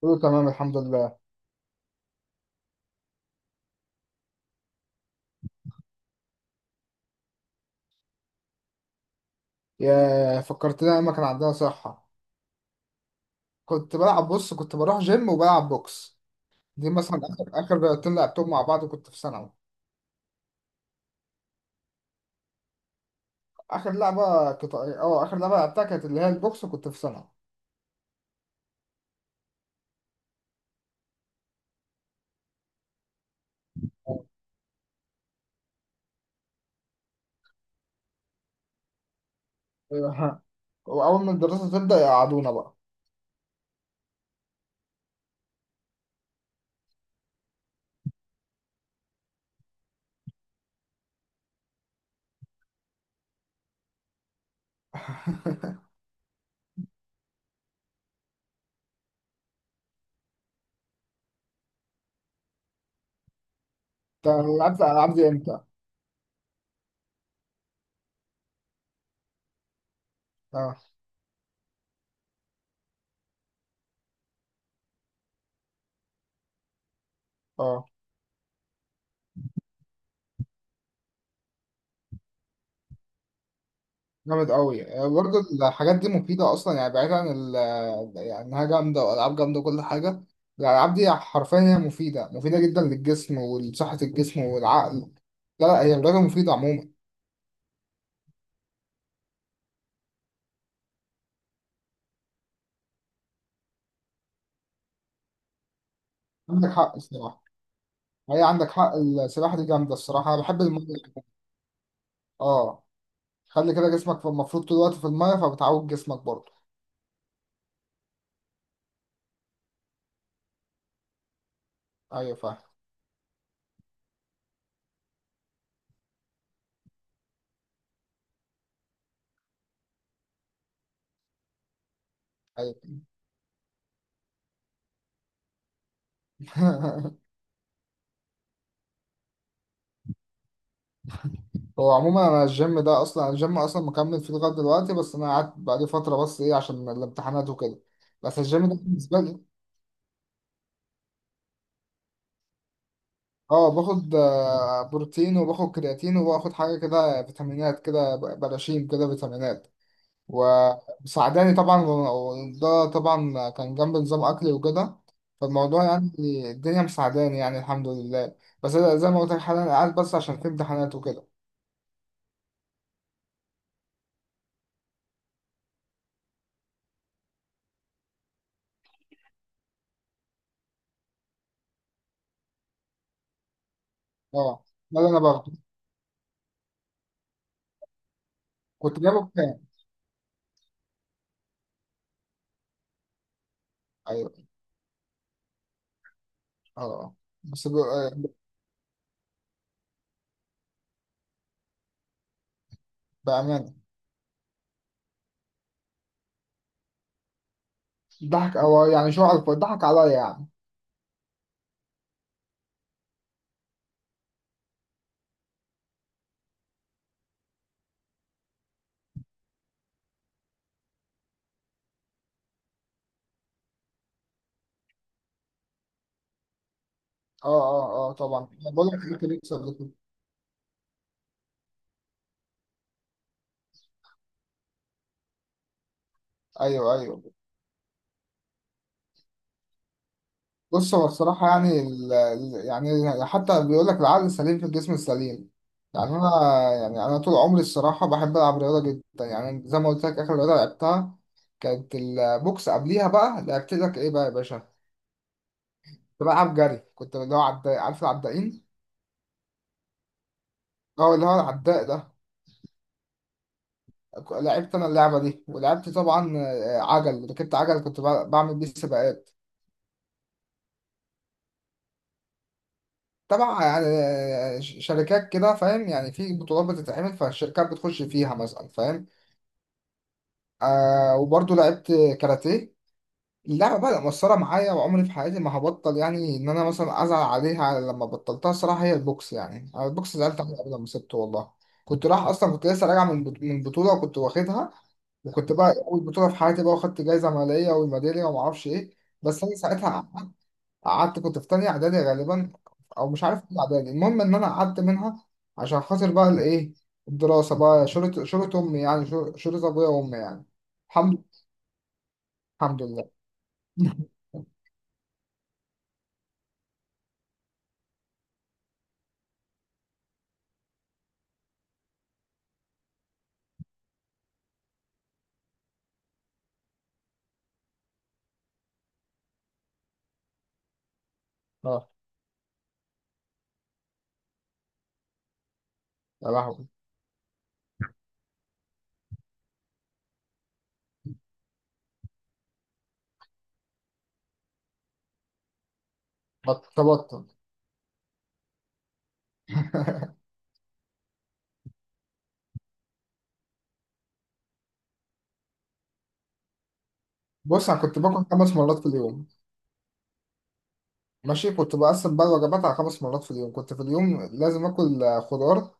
كله تمام الحمد لله. يا فكرتني ايام ما كان عندنا صحة. كنت بلعب، بص كنت بروح جيم وبلعب بوكس. دي مثلا اخر اخر لعبتين لعبتهم مع بعض، كنت في ثانوي. اخر لعبة لعبتها كانت اللي هي البوكس، وكنت في ثانوي. أيوة. واول ما الدراسة تبدأ يقعدونا بقى. انت لعبت الالعاب دي امتى؟ اه، اه جامد قوي. برضه الحاجات دي مفيدة أصلا، يعني بعيد عن يعني إنها جامدة وألعاب جامدة وكل حاجة. الألعاب دي حرفيا هي مفيدة مفيدة جدا للجسم ولصحة الجسم والعقل. لا لا، هي رياضة مفيدة عموما. عندك حق الصراحة. هي عندك حق، السباحة دي جامدة الصراحة، أنا بحب المية. اه. خلي كده جسمك المفروض طول الوقت في المية، فبتعود جسمك برضه. أيوة فاهم. أيوة. هو عموما انا الجيم ده اصلا، الجيم اصلا مكمل فيه لغايه دلوقتي، بس انا قعدت بقالي فتره، بس ايه عشان الامتحانات وكده. بس الجيم ده بالنسبه لي. اه، باخد بروتين وباخد كرياتين وباخد حاجه كده فيتامينات، كده براشيم كده فيتامينات. ومساعداني طبعا، وده طبعا كان جنب نظام اكلي وكده. فالموضوع يعني، الدنيا مساعداني يعني الحمد لله. بس أنا زي ما قلت لك حاليا قاعد، بس عشان في امتحانات وكده. اه، ده اللي انا باخده. كنت جايبه بكام؟ ايوه. اه، بس بأمانة. ضحك، أو يعني شو عارف، ضحك عليا يعني. اه اه اه، طبعا بقول لك ممكن يكسب ده كله. ايوه ايوه. بص، هو الصراحة يعني يعني حتى بيقول لك العقل السليم في الجسم السليم. يعني أنا، يعني أنا طول عمري الصراحة بحب ألعب رياضة جدا، يعني زي ما قلت لك آخر رياضة لعبتها كانت البوكس. قبليها بقى لعبت لك إيه بقى يا باشا؟ كنت بلعب جري، كنت اللي هو عداء، عارف العدائين؟ اه، اللي هو العداء ده. لعبت انا اللعبه دي، ولعبت طبعا عجل، ركبت عجل كنت بعمل بيه سباقات. طبعا يعني شركات كده، فاهم، يعني في بطولات بتتعمل فالشركات بتخش فيها مثلا، فاهم. آه، وبرضه لعبت كاراتيه. اللعبه بقى مؤثره معايا، وعمري في حياتي ما هبطل يعني، ان انا مثلا ازعل عليها لما بطلتها الصراحه هي البوكس، يعني أنا البوكس زعلت عليها قبل ما سبته والله. كنت رايح اصلا، كنت لسه راجع من بطوله وكنت واخدها. وكنت بقى اول بطوله في حياتي بقى، وخدت جايزه ماليه والميداليه وما اعرفش ايه. بس انا ساعتها قعدت. كنت في تانية اعدادي غالبا، او مش عارف ايه اعدادي، المهم ان انا قعدت منها عشان خاطر بقى الايه، الدراسه بقى شرط شرط امي يعني، شرط ابويا وامي يعني. الحمد. الحمد لله. اه يا لهوي. تبطل. بص، انا كنت باكل 5 مرات في اليوم. ماشي، كنت بقسم بقى الوجبات على 5 مرات في اليوم، كنت في اليوم لازم آكل خضار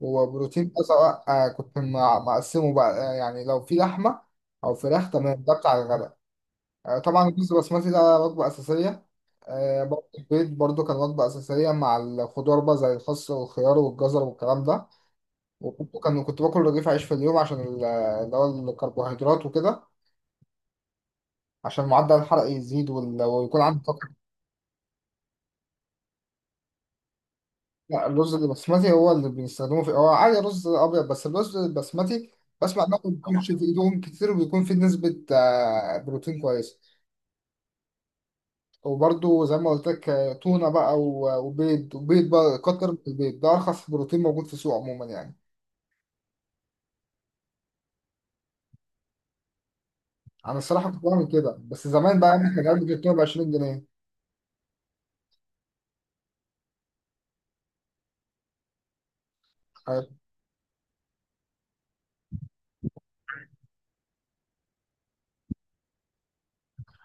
وبروتين أزرق، كنت مقسمه بقى، يعني لو في لحمة أو فراخ تمام ده بتاع الغداء. طبعا الرز البسمتي ده وجبة أساسية. برضه البيض برضه كان وجبة أساسية مع الخضار بقى، زي الخس والخيار والجزر والكلام ده. وكنت كان كنت باكل رغيف عيش في اليوم عشان اللي هو الكربوهيدرات وكده، عشان معدل الحرق يزيد ويكون عندي طاقة. لا، الرز البسمتي هو اللي بيستخدموه في، هو عادي رز ابيض، بس الرز البسمتي بسمع انه ما بيكونش في ايدهم كتير، وبيكون في نسبة بروتين كويسة. وبرده زي ما قلت لك تونة بقى وبيض، بقى كتر من البيض ده ارخص بروتين موجود في السوق عموما يعني. انا الصراحة كنت بعمل كده، بس زمان بقى احنا كنا بنجيب ب 20 جنيه. ايوه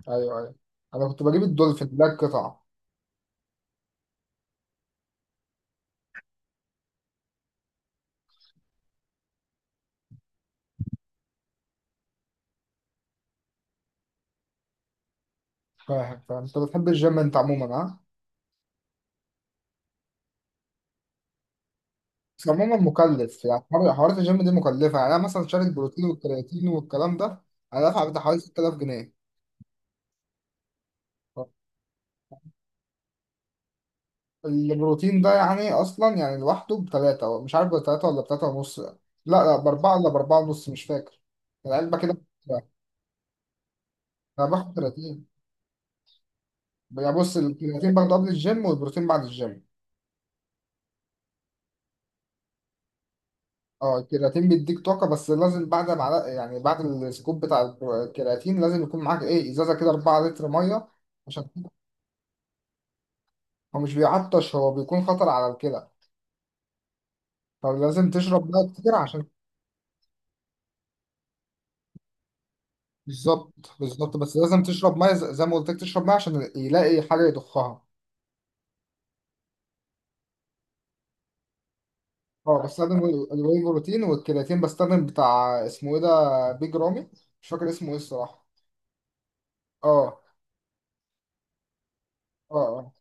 ايوه ايوه. انا كنت بجيب الدولفين ده القطع. فاهم؟ فانت بتحب الجيم انت عموما. بس عموما مكلف، يعني حوارات الجيم دي مكلفة، يعني أنا مثلا شاري البروتين والكرياتين والكلام ده. أنا دافع بتاع حوالي 6,000 جنيه. البروتين ده يعني أصلا يعني لوحده بتلاتة، مش عارف بتلاتة ولا بتلاتة ونص، لا لا بأربعة ولا بأربعة ونص، مش فاكر. العلبة كده. أنا باخد كرياتين. يعني بص، الكرياتين باخده قبل الجيم، والبروتين بعد الجيم. اه، الكرياتين بيديك طاقة، بس لازم بعد معلقة، يعني بعد السكوب بتاع الكرياتين لازم يكون معاك ايه، ازازة كده 4 لتر مية. عشان، هو مش بيعطش، هو بيكون خطر على الكلى، فلازم تشرب ميه كتير عشان. بالظبط. بالظبط، بس لازم تشرب ميه زي ما قلت لك تشرب ميه عشان يلاقي حاجه يضخها. اه، بستخدم الواي بروتين، والكرياتين بستخدم بتاع اسمه ايه ده، بيج رامي. مش فاكر اسمه ايه الصراحه. اه اه اه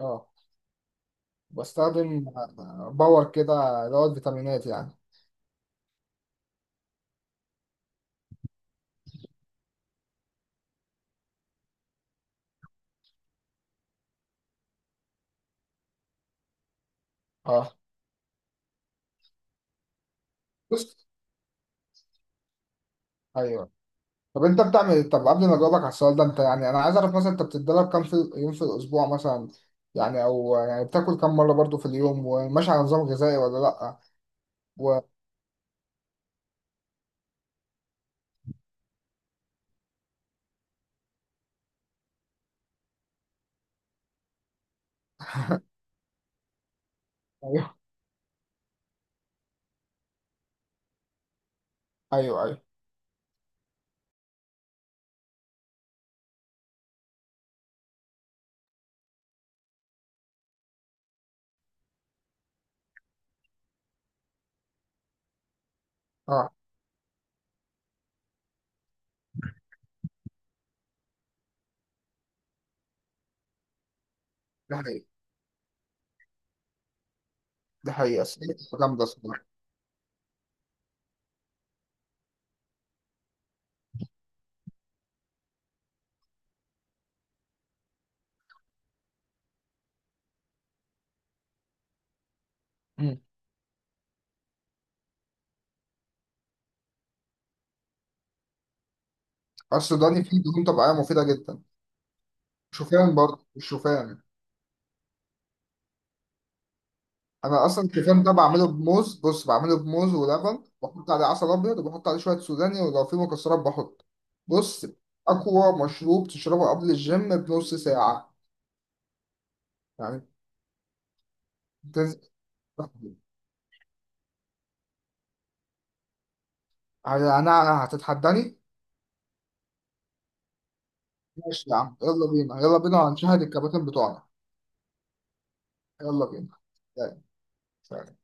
اه. بستخدم باور كده اللي هو الفيتامينات يعني. اه. بص. ايوه. طب انت بتعمل ايه؟ طب قبل ما اجاوبك على السؤال ده، انت يعني، انا عايز اعرف مثلا انت بتتدرب كام في يوم في الاسبوع مثلا، يعني او يعني بتاكل كام مره برضو في اليوم وماشي على نظام غذائي ولا لا. و... ايوه ايوه ايوه، اه. ده حقيقي. ده حقيقي، أصل هي جامده الصراحه. أمم. اصل السوداني فيه دهون طبيعيه مفيده جدا. شوفان، برضو الشوفان. انا اصلا الشوفان ده بعمله بموز، بص بعمله بموز ولبن، بحط عليه عسل ابيض، وبحط عليه شويه سوداني، ولو في مكسرات بحط. بص، اقوى مشروب تشربه قبل الجيم بنص ساعه. يعني. تنزل. تحدي. انا هتتحداني. ماشي يا عم، يلا بينا يلا بينا، هنشاهد الكباتن بتوعنا. يلا بينا. يلا.